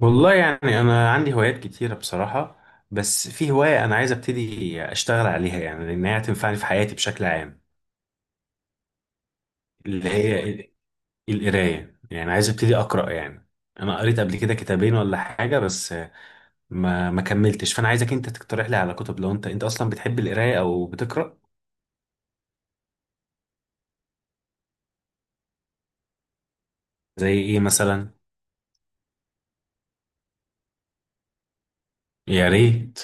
والله، يعني انا عندي هوايات كتيره بصراحه. بس في هوايه انا عايز ابتدي اشتغل عليها، يعني لان هي هتنفعني في حياتي بشكل عام. اللي هي القرايه، يعني عايز ابتدي اقرا يعني. انا قريت قبل كده كتابين ولا حاجه، بس ما كملتش، فانا عايزك انت تقترح لي على كتب لو انت اصلا بتحب القرايه او بتقرا. زي ايه مثلا؟ يا ريت.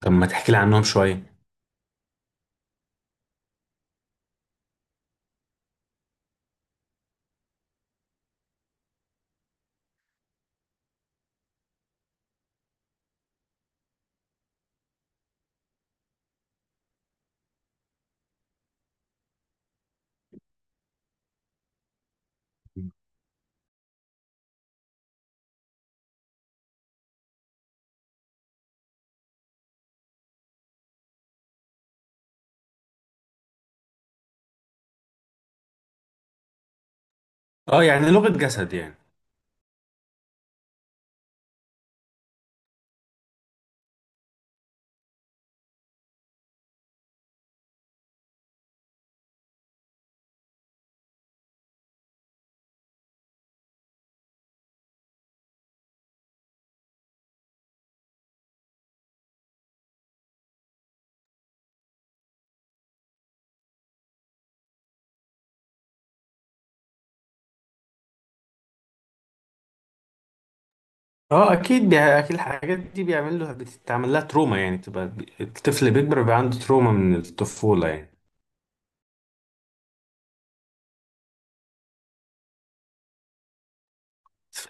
طب ما تحكي لي عنهم شويه؟ اه، يعني لغه جسد يعني. اه اكيد اكيد الحاجات دي بيعمل له بتتعمل لها تروما، يعني تبقى الطفل بيكبر بيبقى عنده تروما من الطفولة يعني.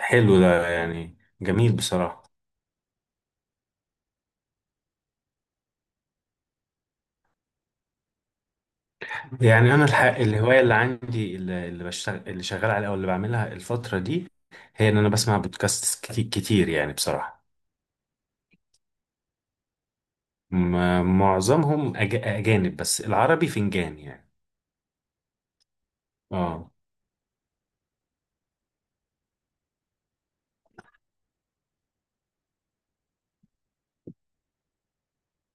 حلو ده يعني جميل بصراحة. يعني انا الحق الهواية اللي عندي، اللي بشتغل اللي شغال عليها او اللي بعملها الفترة دي، هي ان انا بسمع بودكاست كتير يعني بصراحة. معظمهم اجانب، بس العربي فنجان يعني. اه.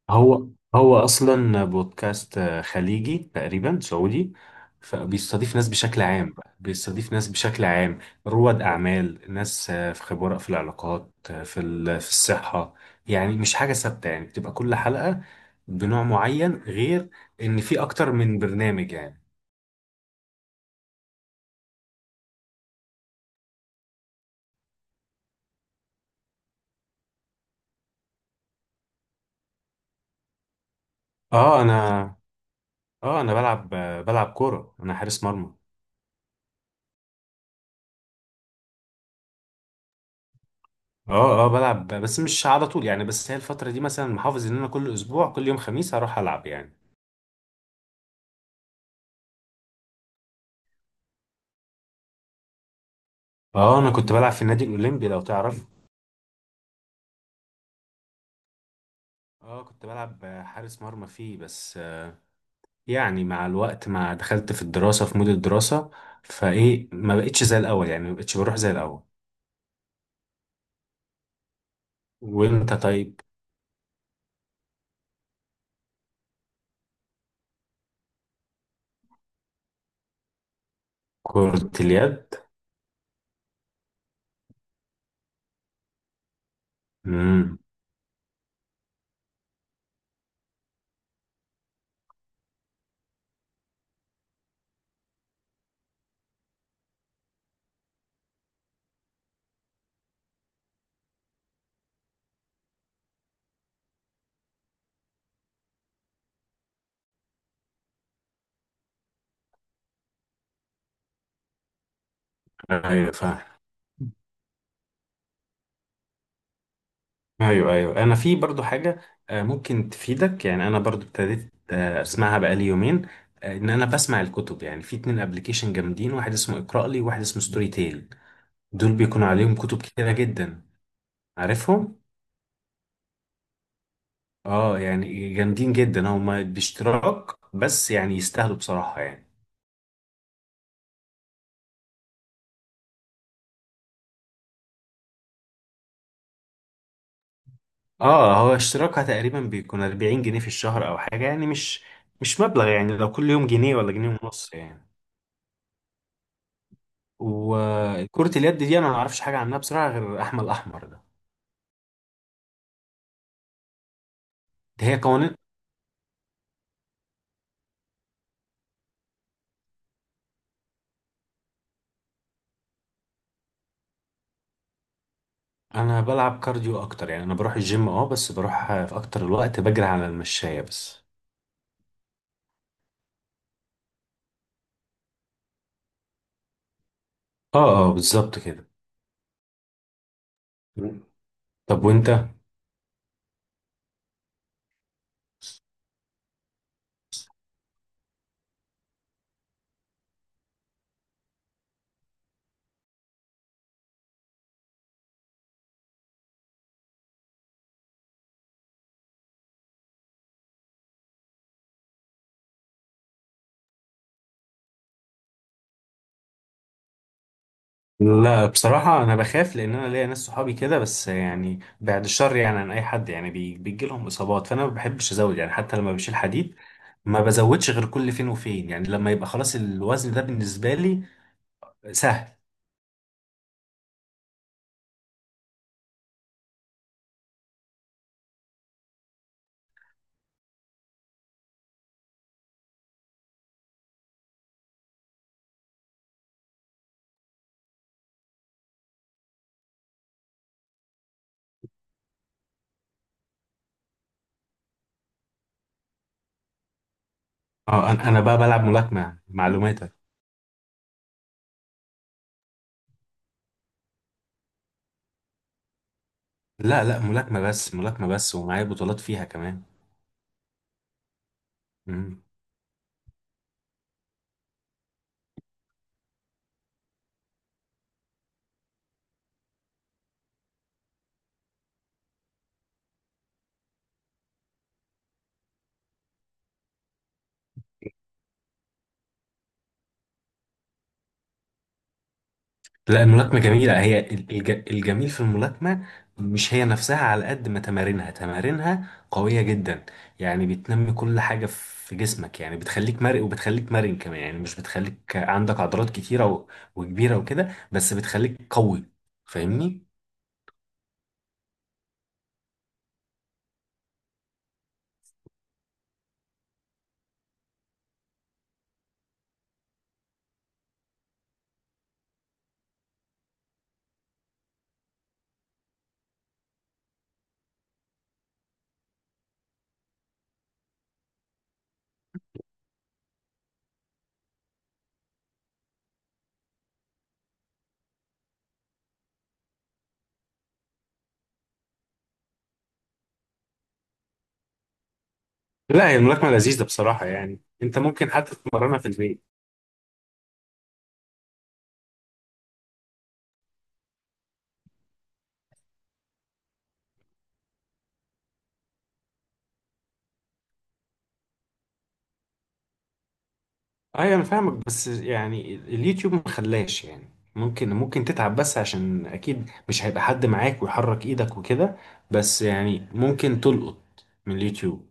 هو هو اصلا بودكاست خليجي تقريبا سعودي، فبيستضيف ناس بشكل عام، بقى بيستضيف ناس بشكل عام، رواد اعمال، ناس في خبراء في العلاقات، في الصحه. يعني مش حاجه ثابته، يعني بتبقى كل حلقه بنوع معين، غير ان في اكتر من برنامج يعني. اه، انا بلعب كوره، انا حارس مرمى. اه، اه، بلعب بس مش على طول يعني. بس هي الفتره دي مثلا محافظ ان انا كل اسبوع، كل يوم خميس هروح العب يعني. اه انا كنت بلعب في النادي الاولمبي لو تعرف. اه كنت بلعب حارس مرمى فيه، بس يعني مع الوقت ما دخلت في الدراسة، في مود الدراسة، فايه ما بقتش زي الاول يعني، ما بقتش بروح زي الاول. وانت طيب؟ كرة اليد. امم. ايوه فاهم. ايوه، ايوه، انا في برضو حاجه ممكن تفيدك، يعني انا برضو ابتديت اسمعها بقالي يومين. ان انا بسمع الكتب، يعني في اتنين ابلكيشن جامدين، واحد اسمه اقرا لي وواحد اسمه ستوري تيل. دول بيكونوا عليهم كتب كتيره جدا. عارفهم. اه يعني جامدين جدا، هما باشتراك بس يعني يستاهلوا بصراحة يعني. اه، هو اشتراكها تقريبا بيكون 40 جنيه في الشهر او حاجة، يعني مش مبلغ يعني، لو كل يوم جنيه ولا جنيه ونص يعني. وكرة اليد دي انا ما اعرفش حاجة عنها بصراحة غير احمد الاحمر ده. ده هي قوانين. انا بلعب كارديو اكتر، يعني انا بروح الجيم اه، بس بروح في اكتر الوقت بجري على المشاية بس. اه، اه، بالظبط كده. طب وانت؟ لا بصراحة أنا بخاف، لأن أنا ليا ناس صحابي كده، بس يعني بعد الشر يعني عن أي حد، يعني بيجي لهم إصابات، فأنا ما بحبش أزود يعني حتى لما بشيل حديد، ما بزودش غير كل فين وفين يعني، لما يبقى خلاص الوزن ده بالنسبة لي سهل. أه، أنا بقى بلعب ملاكمة معلوماتك. لا لا ملاكمة بس، ملاكمة بس، ومعايا بطولات فيها كمان. مم. لا الملاكمة جميلة، هي الجميل في الملاكمة مش هي نفسها، على قد ما تمارينها قوية جدا، يعني بتنمي كل حاجة في جسمك يعني، بتخليك مرن، وبتخليك مرن كمان، يعني مش بتخليك عندك عضلات كتيرة وكبيرة وكده، بس بتخليك قوي. فاهمني؟ لا هي الملاكمة لذيذة بصراحة يعني، انت ممكن حتى تتمرنها في البيت. ايوه انا فاهمك، بس يعني اليوتيوب ما خلاش يعني. ممكن تتعب بس عشان اكيد مش هيبقى حد معاك ويحرك ايدك وكده، بس يعني ممكن تلقط من اليوتيوب.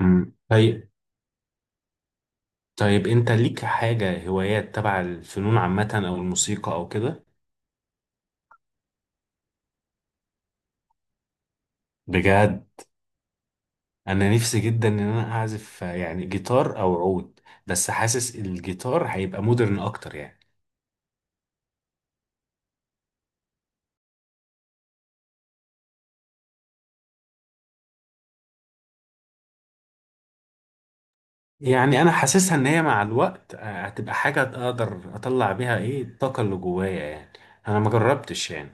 مم. طيب. طيب انت ليك حاجة هوايات تبع الفنون عامة او الموسيقى او كده؟ بجد؟ انا نفسي جدا ان انا اعزف يعني جيتار او عود، بس حاسس الجيتار هيبقى مودرن اكتر يعني. يعني انا حاسسها ان هي مع الوقت هتبقى حاجه اقدر اطلع بيها ايه الطاقه اللي جوايا يعني. انا ما جربتش يعني.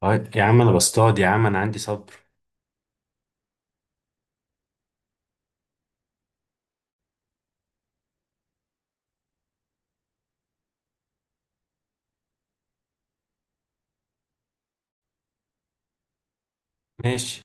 طيب يا عم انا بصطاد، يا عم انا عندي صبر. ماشي.